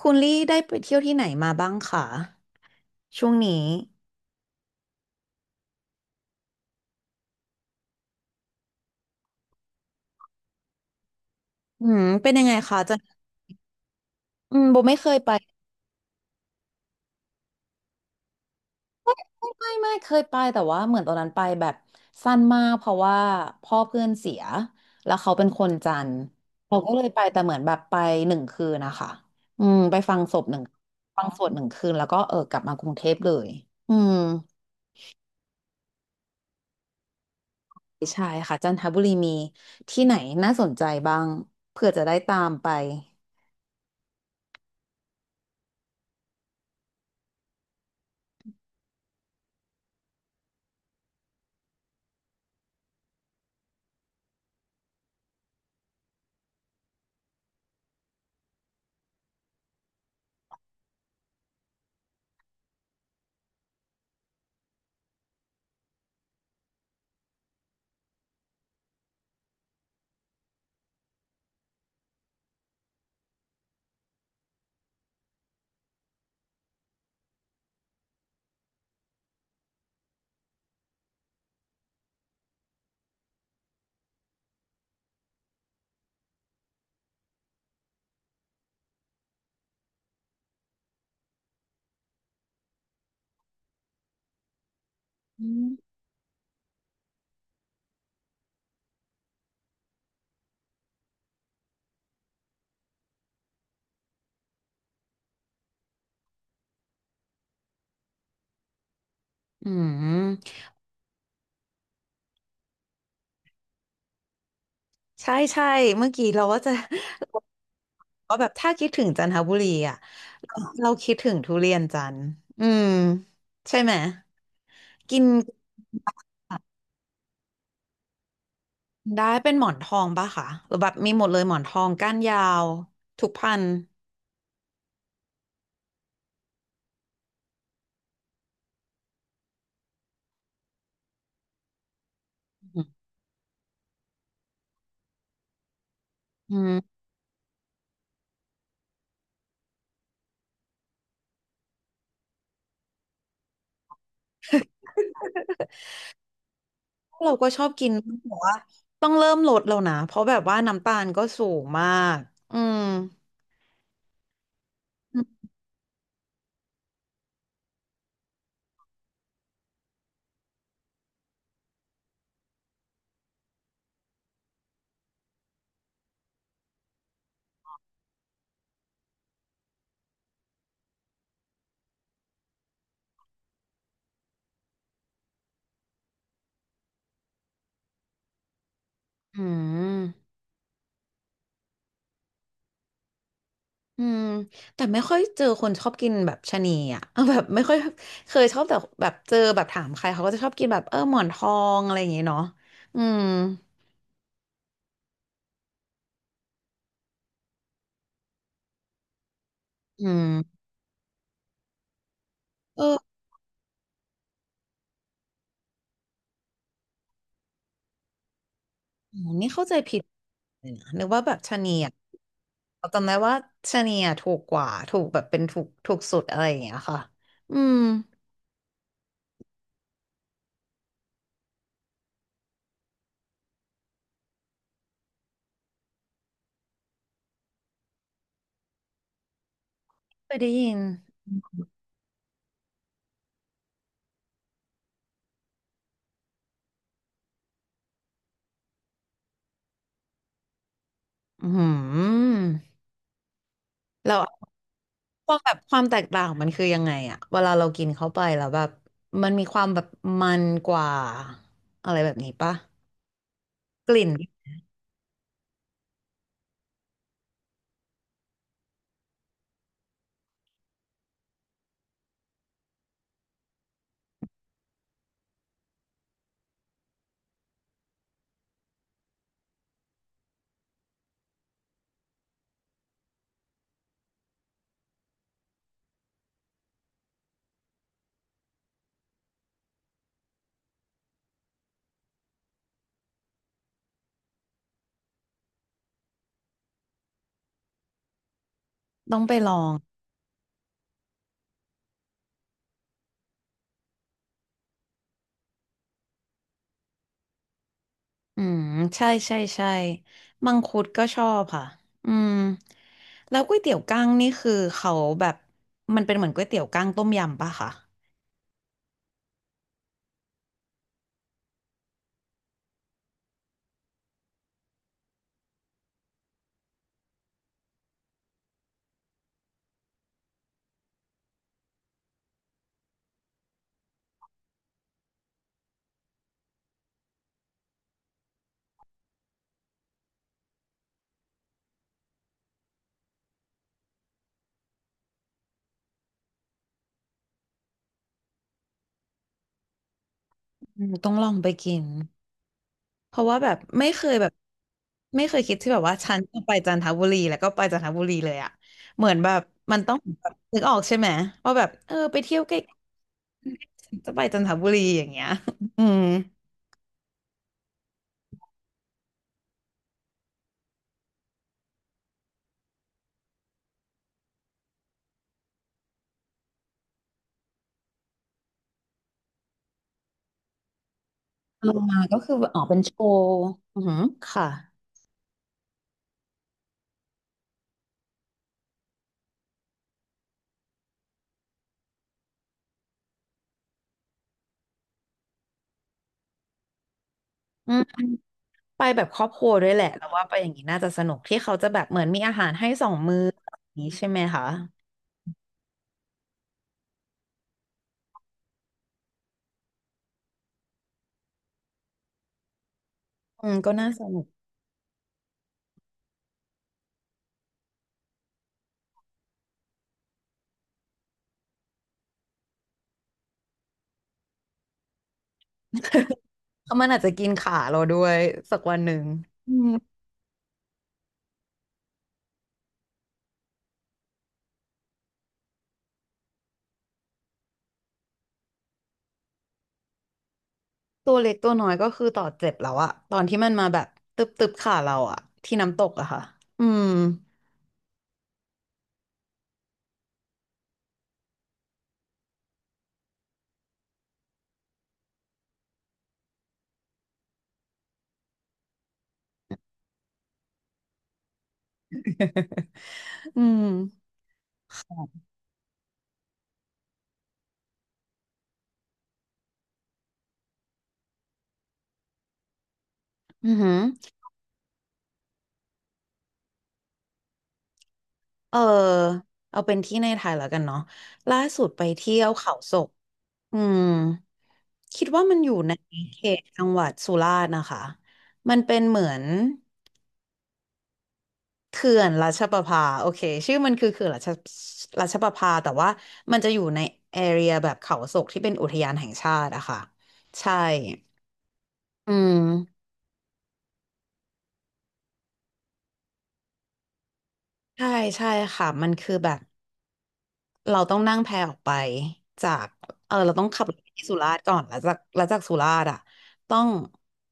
คุณลี่ได้ไปเที่ยวที่ไหนมาบ้างคะช่วงนี้อืมเป็นยังไงคะจะอืมโบไม่เคยไปไม่เคยไปแต่ว่าเหมือนตอนนั้นไปแบบสั้นมากเพราะว่าพ่อเพื่อนเสียแล้วเขาเป็นคนจันทร์เราก็เลยไปแต่เหมือนแบบไปหนึ่งคืนนะคะอืมไปฟังศพหนึ่งฟังสวดหนึ่งคืนแล้วก็เออกลับมากรุงเทพเลยอืมใช่ค่ะจันทบุรีมีที่ไหนน่าสนใจบ้างเผื่อจะได้ตามไปอืมอืม ใช่ใช่เมื่อกี้เราว่าจะ ก็แบบถ้าคิดถึงจันทบุรีอ่ะเราคิดถึงทุเรียนจันทร์อืมใช่ไหมกินได้เป็นหมอนทองปะคะหรือแบบมีหมดเลยหมอนทองก้านยาวทุกพันธุ์อืมเราก็ชอบกินแต่ว่าต้องเริ่มลดแล้วนะเพราะแบบว่าน้ำตาลก็สูงมากอืมอืม อืมแต่ไม่ค่อยเจอคนชอบกินแบบชะนีอ่ะ เออแบบไม่ค่อยเคยชอบแต่แบบเจอแบบถามใครเขาก็จะชอบกินแบบเออหมอนทองอะไรอย่างเงี้ยเนาะอืมอืมเอออ๋อนี่เข้าใจผิดเลยนะนึกว่าแบบชะนีอ่ะเราจำได้ว่าชะนีอ่ะถูกกว่าถูกแบบเป็นถูกถูกสุดอะไรอย่างเงี้ยค่ะอืมเคยได้ยินอืม เราความแบบความแตกต่างมันคือยังไงอะเวลาเรากินเข้าไปแล้วแบบมันมีความแบบมันกว่าอะไรแบบนี้ปะกลิ่นต้องไปลองอืมใช่ใช่ใช่มังคุดก็ชอบค่ะอืมแล้วก๋วยเตี๋ยวกั้งนี่คือเขาแบบมันเป็นเหมือนก๋วยเตี๋ยวกั้งต้มยำปะคะอืมต้องลองไปกิน เพราะว่าแบบไม่เคยแบบไม่เคยคิดที่แบบว่าฉันจะไปจันทบุรีแล้วก็ไปจันทบุรีเลยอะเหมือนแบบมันต้องแบบนึกออกใช่ไหมว่าแบบเออไปเที่ยวใกล้ๆจะไปจันทบุรีอย่างเงี้ย อืมลงมาก็คือออกเป็นโชว์อือหือค่ะอืมไปแบบครอบครัวด้วยแหละแล้วว่าไปอย่างนี้น่าจะสนุกที่เขาจะแบบเหมือนมีอาหารให้2 มื้ออย่างนี้ใช่ไหมคะอืมก็น่าสนุกเพราะมันอาจจะกินขาเราด้วยสักวันหนึ่งอืม ตัวเล็กตัวน้อยก็คือต่อเจ็บแล้วอะตอนที่มันมาแบบตึบตึบขาเราอะที่น้ำตกอะค่ะอืม อืมอือหือเออเอาเป็นที่ในไทยแล้วกันเนาะล่าสุดไปเที่ยวเขาศกอืมคิดว่ามันอยู่ในเขตจังหวัดสุราษฎร์นะคะมันเป็นเหมือนเขื่อนราชประภาโอเคชื่อมันคือเขื่อนราชประภาแต่ว่ามันจะอยู่ในแอเรียแบบเขาศกที่เป็นอุทยานแห่งชาติอะค่ะใช่ อืมใช่ใช่ค่ะมันคือแบบเราต้องนั่งแพออกไปจากเออเราต้องขับรถไปที่สุราษฎร์ก่อนแล้วจากสุราษฎร์อ่ะต้อง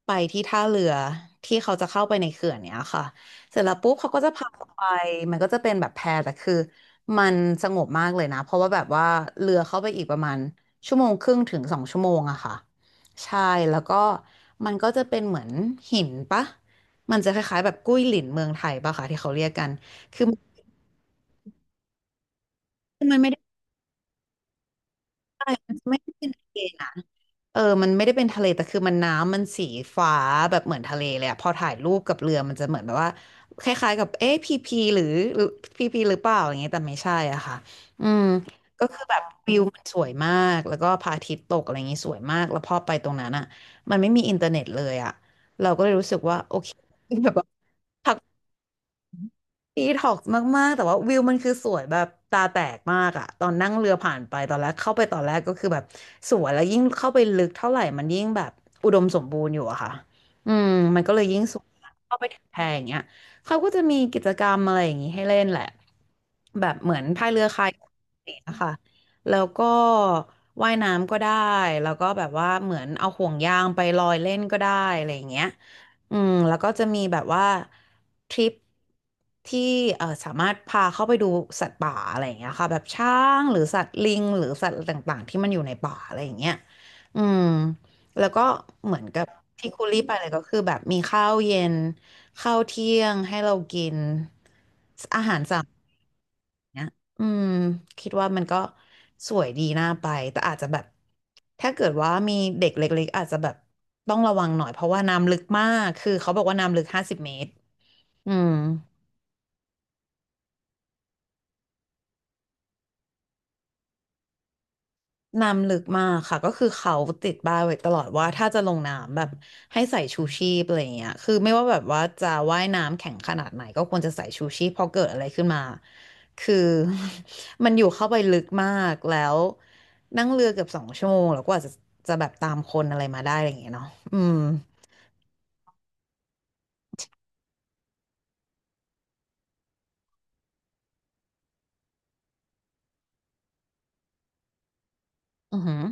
ไปที่ท่าเรือที่เขาจะเข้าไปในเขื่อนเนี้ยค่ะเสร็จแล้วปุ๊บเขาก็จะพาเราไปมันก็จะเป็นแบบแพแต่คือมันสงบมากเลยนะเพราะว่าแบบว่าเรือเข้าไปอีกประมาณ1.5 ถึง 2 ชั่วโมงอะค่ะใช่แล้วก็มันก็จะเป็นเหมือนหินปะมันจะคล้ายๆแบบกุ้ยหลินเมืองไทยปะค่ะที่เขาเรียกกัน คือมันไม่ได้ใช่มันไม่ได้เป็นทะเลนะเออมันไม่ได้เป็นทะเลแต่คือมันน้ำมันสีฟ้าแบบเหมือนทะเลเลยอะพอถ่ายรูปกับเรือมันจะเหมือนแบบว่าคล้ายๆกับเอ๊ะพีพีหรือพีพีหรือเปล่าอย่างเงี้ยแต่ไม่ใช่อ่ะค่ะอืมก็คือแบบวิวมันสวยมาก แล้วก็พระอาทิตย์ตกอะไรอย่างงี้สวยมาก แล้วพอไปตรงนั้นอะมันไม่มีอินเทอร์เน็ตเลยอะ แบบว่า ดีท็อกซ์มาก ๆ แต่ว่าวิวมันคือสวยแบบตาแตกมากอะตอนนั่งเรือผ่านไปตอนแรกเข้าไปตอนแรกก็คือแบบสวยแล้วยิ่งเข้าไปลึกเท่าไหร่มันยิ่งแบบอุดมสมบูรณ์อยู่อะค่ะอืมมันก็เลยยิ่งสวยเข้าไปถึงแพอย่างเงี้ยเขาก็จะมีกิจกรรมอะไรอย่างงี้ให้เล่นแหละแบบเหมือนพายเรือคายักนะคะแล้วก็ว่ายน้ำก็ได้แล้วก็แบบว่าเหมือนเอาห่วงยางไปลอยเล่นก็ได้อะไรอย่างเงี้ย อืมแล้วก็จะมีแบบว่าทริปที่สามารถพาเข้าไปดูสัตว์ป่าอะไรอย่างเงี้ยค่ะแบบช้างหรือสัตว์ลิงหรือสัตว์ต่างๆที่มันอยู่ในป่าอะไรอย่างเงี้ยอืมแล้วก็เหมือนกับที่คุรีไปเลยก็คือแบบมีข้าวเย็นข้าวเที่ยงให้เรากินอาหาร เนี้ยอืมคิดว่ามันก็สวยดีน่าไปแต่อาจจะแบบถ้าเกิดว่ามีเด็กเล็กๆอาจจะแบบต้องระวังหน่อยเพราะว่าน้ำลึกมากคือเขาบอกว่าน้ำลึก50 เมตรอืม น้ำลึกมากค่ะก็คือเขาติดป้ายไว้ตลอดว่าถ้าจะลงน้ำแบบให้ใส่ชูชีพอะไรอย่างเงี้ยคือไม่ว่าแบบว่าจะว่ายน้ำแข็งขนาดไหนก็ควรจะใส่ชูชีพพอเกิดอะไรขึ้นมาคือ มันอยู่เข้าไปลึกมากแล้วนั่งเรือเกือบสองชั่วโมงแล้วกว่าจะแบบตามคนอะไรมาได้อะไรอย่างเงี้ยเนาะอืมอือหือ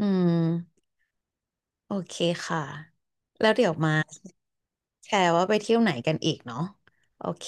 อืมโอเคค่ะแล้วเดี๋ยวมาแชร์ว่าไปเที่ยวไหนกันอีกเนาะโอเค